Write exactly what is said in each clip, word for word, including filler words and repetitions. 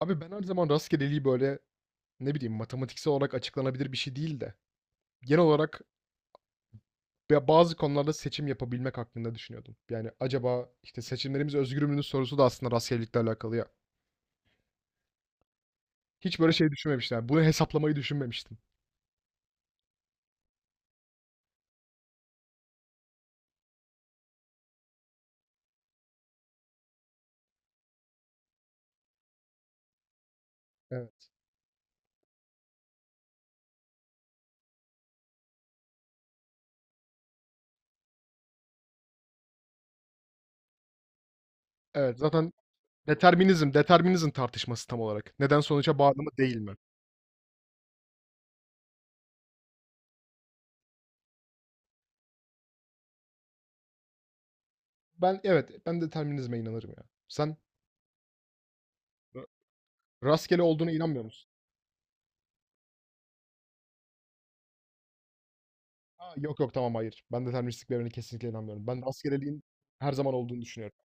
Abi ben her zaman rastgeleliği böyle ne bileyim matematiksel olarak açıklanabilir bir şey değil de genel olarak ya bazı konularda seçim yapabilmek hakkında düşünüyordum. Yani acaba işte seçimlerimiz özgür müdür sorusu da aslında rastgelelikle alakalı ya. Hiç böyle şey düşünmemiştim, yani bunu hesaplamayı düşünmemiştim. Evet. Evet zaten Determinizm, determinizm tartışması tam olarak. Neden sonuca bağlı mı değil mi? Ben evet, ben determinizme inanırım ya. Sen ra- rastgele olduğuna inanmıyor musun? Ha, yok yok tamam hayır. Ben deterministliklerine kesinlikle inanmıyorum. Ben rastgeleliğin her zaman olduğunu düşünüyorum.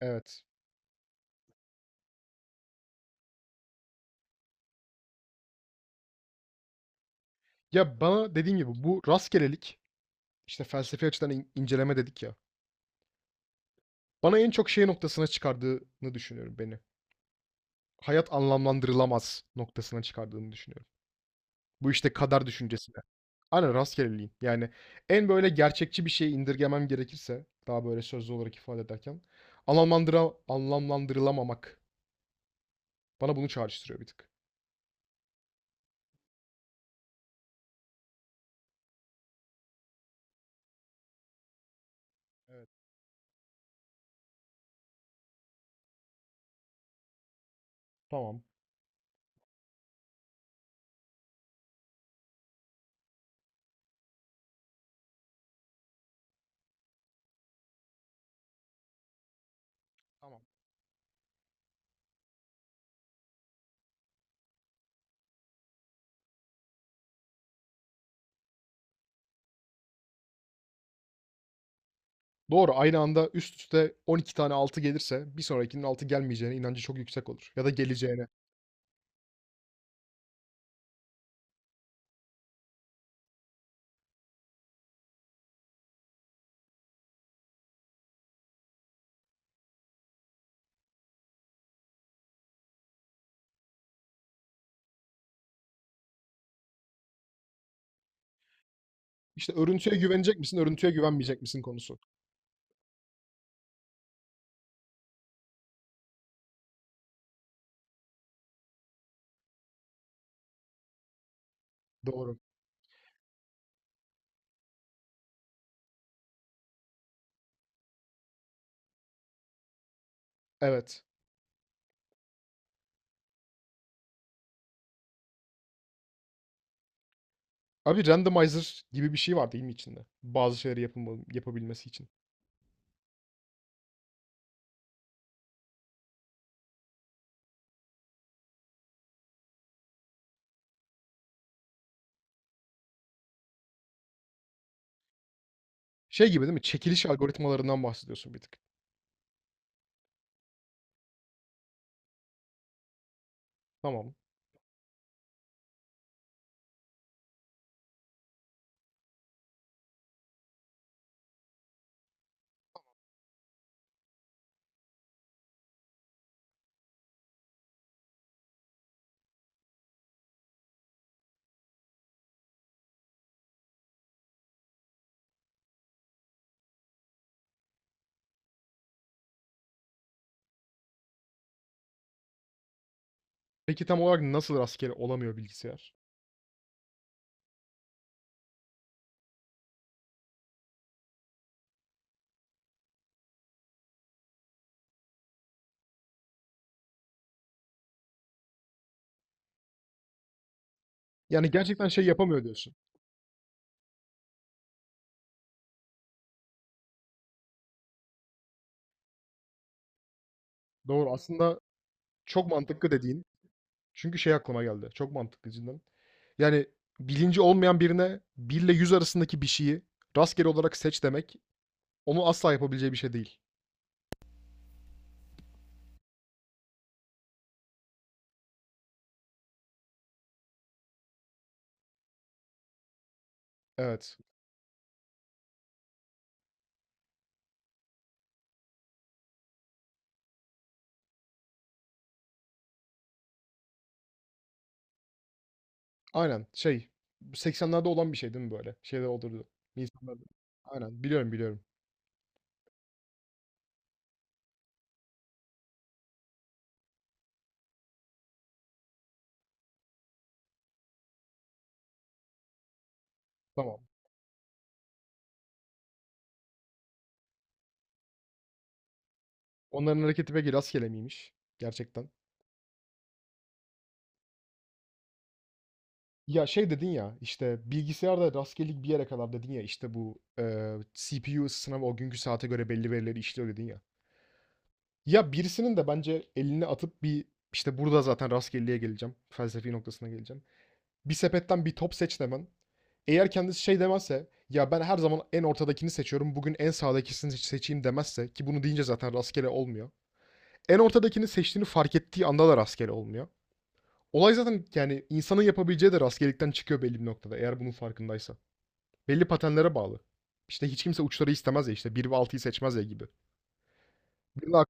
Evet. Ya bana dediğin gibi bu rastgelelik işte felsefi açıdan in- inceleme dedik ya. Bana en çok şey noktasına çıkardığını düşünüyorum beni. Hayat anlamlandırılamaz noktasına çıkardığını düşünüyorum. Bu işte kader düşüncesi. Aynen rastgeleliğin. Yani en böyle gerçekçi bir şeye indirgemem gerekirse daha böyle sözlü olarak ifade ederken anlamlandıra, anlamlandırılamamak bana bunu çağrıştırıyor bir tık. Evet. Tamam. Tamam. Doğru, aynı anda üst üste on iki tane altı gelirse bir sonrakinin altı gelmeyeceğine inancı çok yüksek olur. Ya da geleceğine. İşte örüntüye güvenecek misin, örüntüye güvenmeyecek misin konusu. Doğru. Evet. Abi randomizer gibi bir şey var değil mi içinde? Bazı şeyleri yapım yapabilmesi için. Şey gibi değil mi? Çekiliş algoritmalarından bahsediyorsun bir tık. Tamam. Peki tam olarak nasıl rastgele olamıyor bilgisayar? Yani gerçekten şey yapamıyor diyorsun. Doğru. Aslında çok mantıklı dediğin. Çünkü şey aklıma geldi. Çok mantıklı cidden. Yani bilinci olmayan birine bir ile yüz arasındaki bir şeyi rastgele olarak seç demek onu asla yapabileceği bir şey değil. Evet. Aynen. Şey, bu seksenlerde olan bir şey değil mi böyle? Şeyde olurdu. İnsanlarda. Aynen. Biliyorum, biliyorum. Tamam. Onların hareketi peki rastgele miymiş? Gerçekten. Ya şey dedin ya, işte bilgisayarda rastgelelik bir yere kadar dedin ya, işte bu eee, C P U ısısına ve o günkü saate göre belli verileri işliyor dedin ya. Ya birisinin de bence elini atıp bir, işte, burada zaten rastgeleye geleceğim, felsefi noktasına geleceğim. Bir sepetten bir top seç demen. Eğer kendisi şey demezse, "Ya, ben her zaman en ortadakini seçiyorum, bugün en sağdakisini seçeyim." demezse ki bunu deyince zaten rastgele olmuyor. En ortadakini seçtiğini fark ettiği anda da rastgele olmuyor. Olay zaten, yani, insanın yapabileceği de rastgelelikten çıkıyor belli bir noktada eğer bunun farkındaysa. Belli patenlere bağlı. İşte, hiç kimse uçları istemez ya, işte, bir ve altıyı seçmez ya gibi. Bir de ak-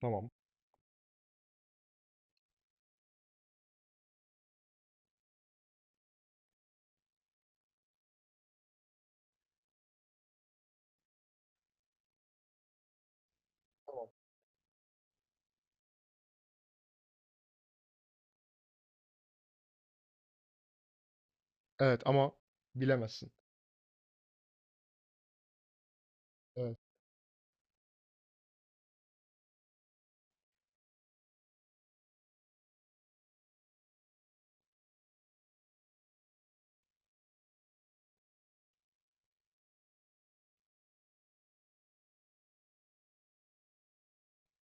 Tamam. Evet ama bilemezsin. Evet,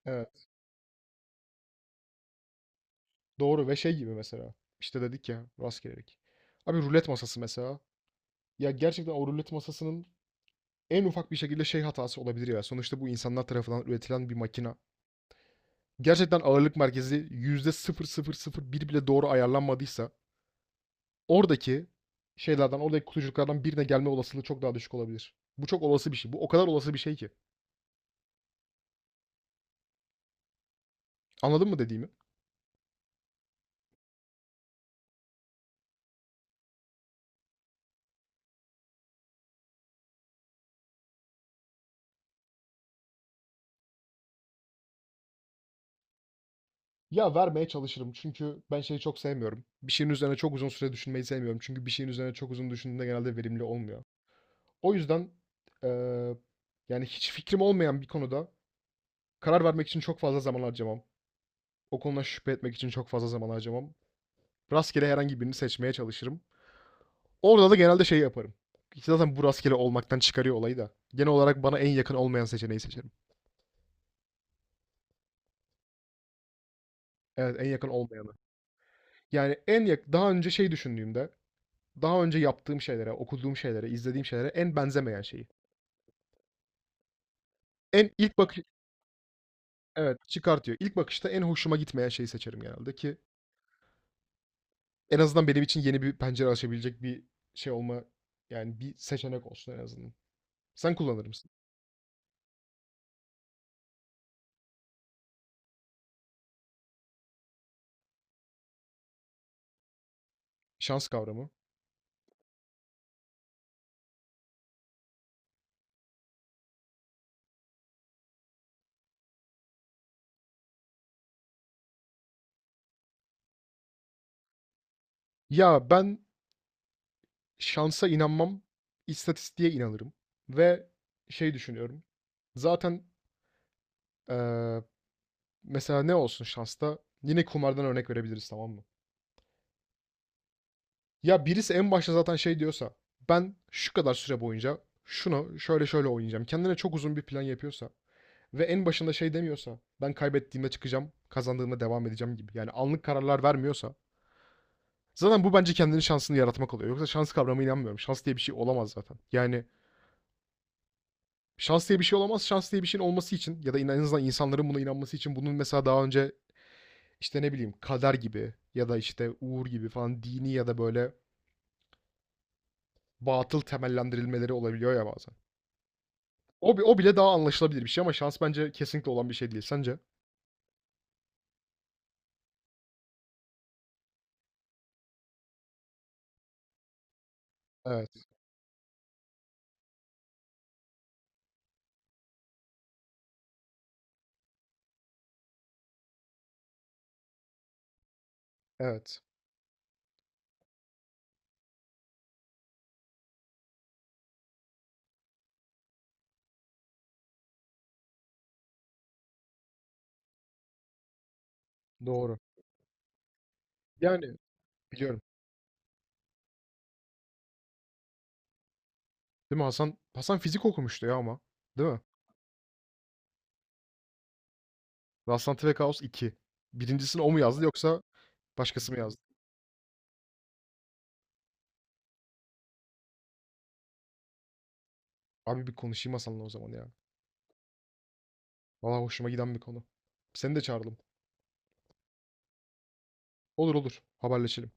evet. Doğru ve şey gibi mesela. İşte dedik ya rastgelelik. Abi rulet masası mesela. Ya gerçekten o rulet masasının en ufak bir şekilde şey hatası olabilir ya. Sonuçta bu insanlar tarafından üretilen bir makina. Gerçekten ağırlık merkezi yüzde sıfır sıfır sıfır bir bile doğru ayarlanmadıysa oradaki şeylerden, oradaki kutucuklardan birine gelme olasılığı çok daha düşük olabilir. Bu çok olası bir şey. Bu o kadar olası bir şey ki. Anladın mı dediğimi? Ya vermeye çalışırım çünkü ben şeyi çok sevmiyorum. Bir şeyin üzerine çok uzun süre düşünmeyi sevmiyorum. Çünkü bir şeyin üzerine çok uzun düşündüğünde genelde verimli olmuyor. O yüzden eee, yani hiç fikrim olmayan bir konuda karar vermek için çok fazla zaman harcamam. O konuda şüphe etmek için çok fazla zaman harcamam. Rastgele herhangi birini seçmeye çalışırım. Orada da genelde şey yaparım. İşte zaten bu rastgele olmaktan çıkarıyor olayı da. Genel olarak bana en yakın olmayan seçeneği seçerim. Evet, en yakın olmayanı. Yani en yak daha önce şey düşündüğümde daha önce yaptığım şeylere, okuduğum şeylere, izlediğim şeylere en benzemeyen şeyi. En ilk bakış, evet, çıkartıyor. İlk bakışta en hoşuma gitmeyen şeyi seçerim genelde ki en azından benim için yeni bir pencere açabilecek bir şey olma yani bir seçenek olsun en azından. Sen kullanır mısın? Şans kavramı. Ya ben şansa inanmam, istatistiğe inanırım ve şey düşünüyorum. Zaten eee, mesela ne olsun şansta? Yine kumardan örnek verebiliriz, tamam mı? Ya birisi en başta zaten şey diyorsa ben şu kadar süre boyunca şunu şöyle şöyle oynayacağım. Kendine çok uzun bir plan yapıyorsa ve en başında şey demiyorsa ben kaybettiğimde çıkacağım, kazandığımda devam edeceğim gibi. Yani anlık kararlar vermiyorsa zaten bu bence kendinin şansını yaratmak oluyor. Yoksa şans kavramına inanmıyorum. Şans diye bir şey olamaz zaten. Yani şans diye bir şey olamaz. Şans diye bir şeyin olması için ya da en azından insanların buna inanması için bunun mesela daha önce işte ne bileyim kader gibi ya da işte uğur gibi falan dini ya da böyle batıl temellendirilmeleri olabiliyor ya bazen. O, bi- o bile daha anlaşılabilir bir şey ama şans bence kesinlikle olan bir şey değil. Sence? Evet, evet. Doğru. Yani biliyorum. Değil mi Hasan? Hasan fizik okumuştu ya ama. Değil mi? Rastlantı ve Kaos iki. Birincisini o mu yazdı yoksa başkası mı yazdı? Abi bir konuşayım Hasan'la o zaman ya. Valla hoşuma giden bir konu. Seni de çağıralım. Olur olur. Haberleşelim.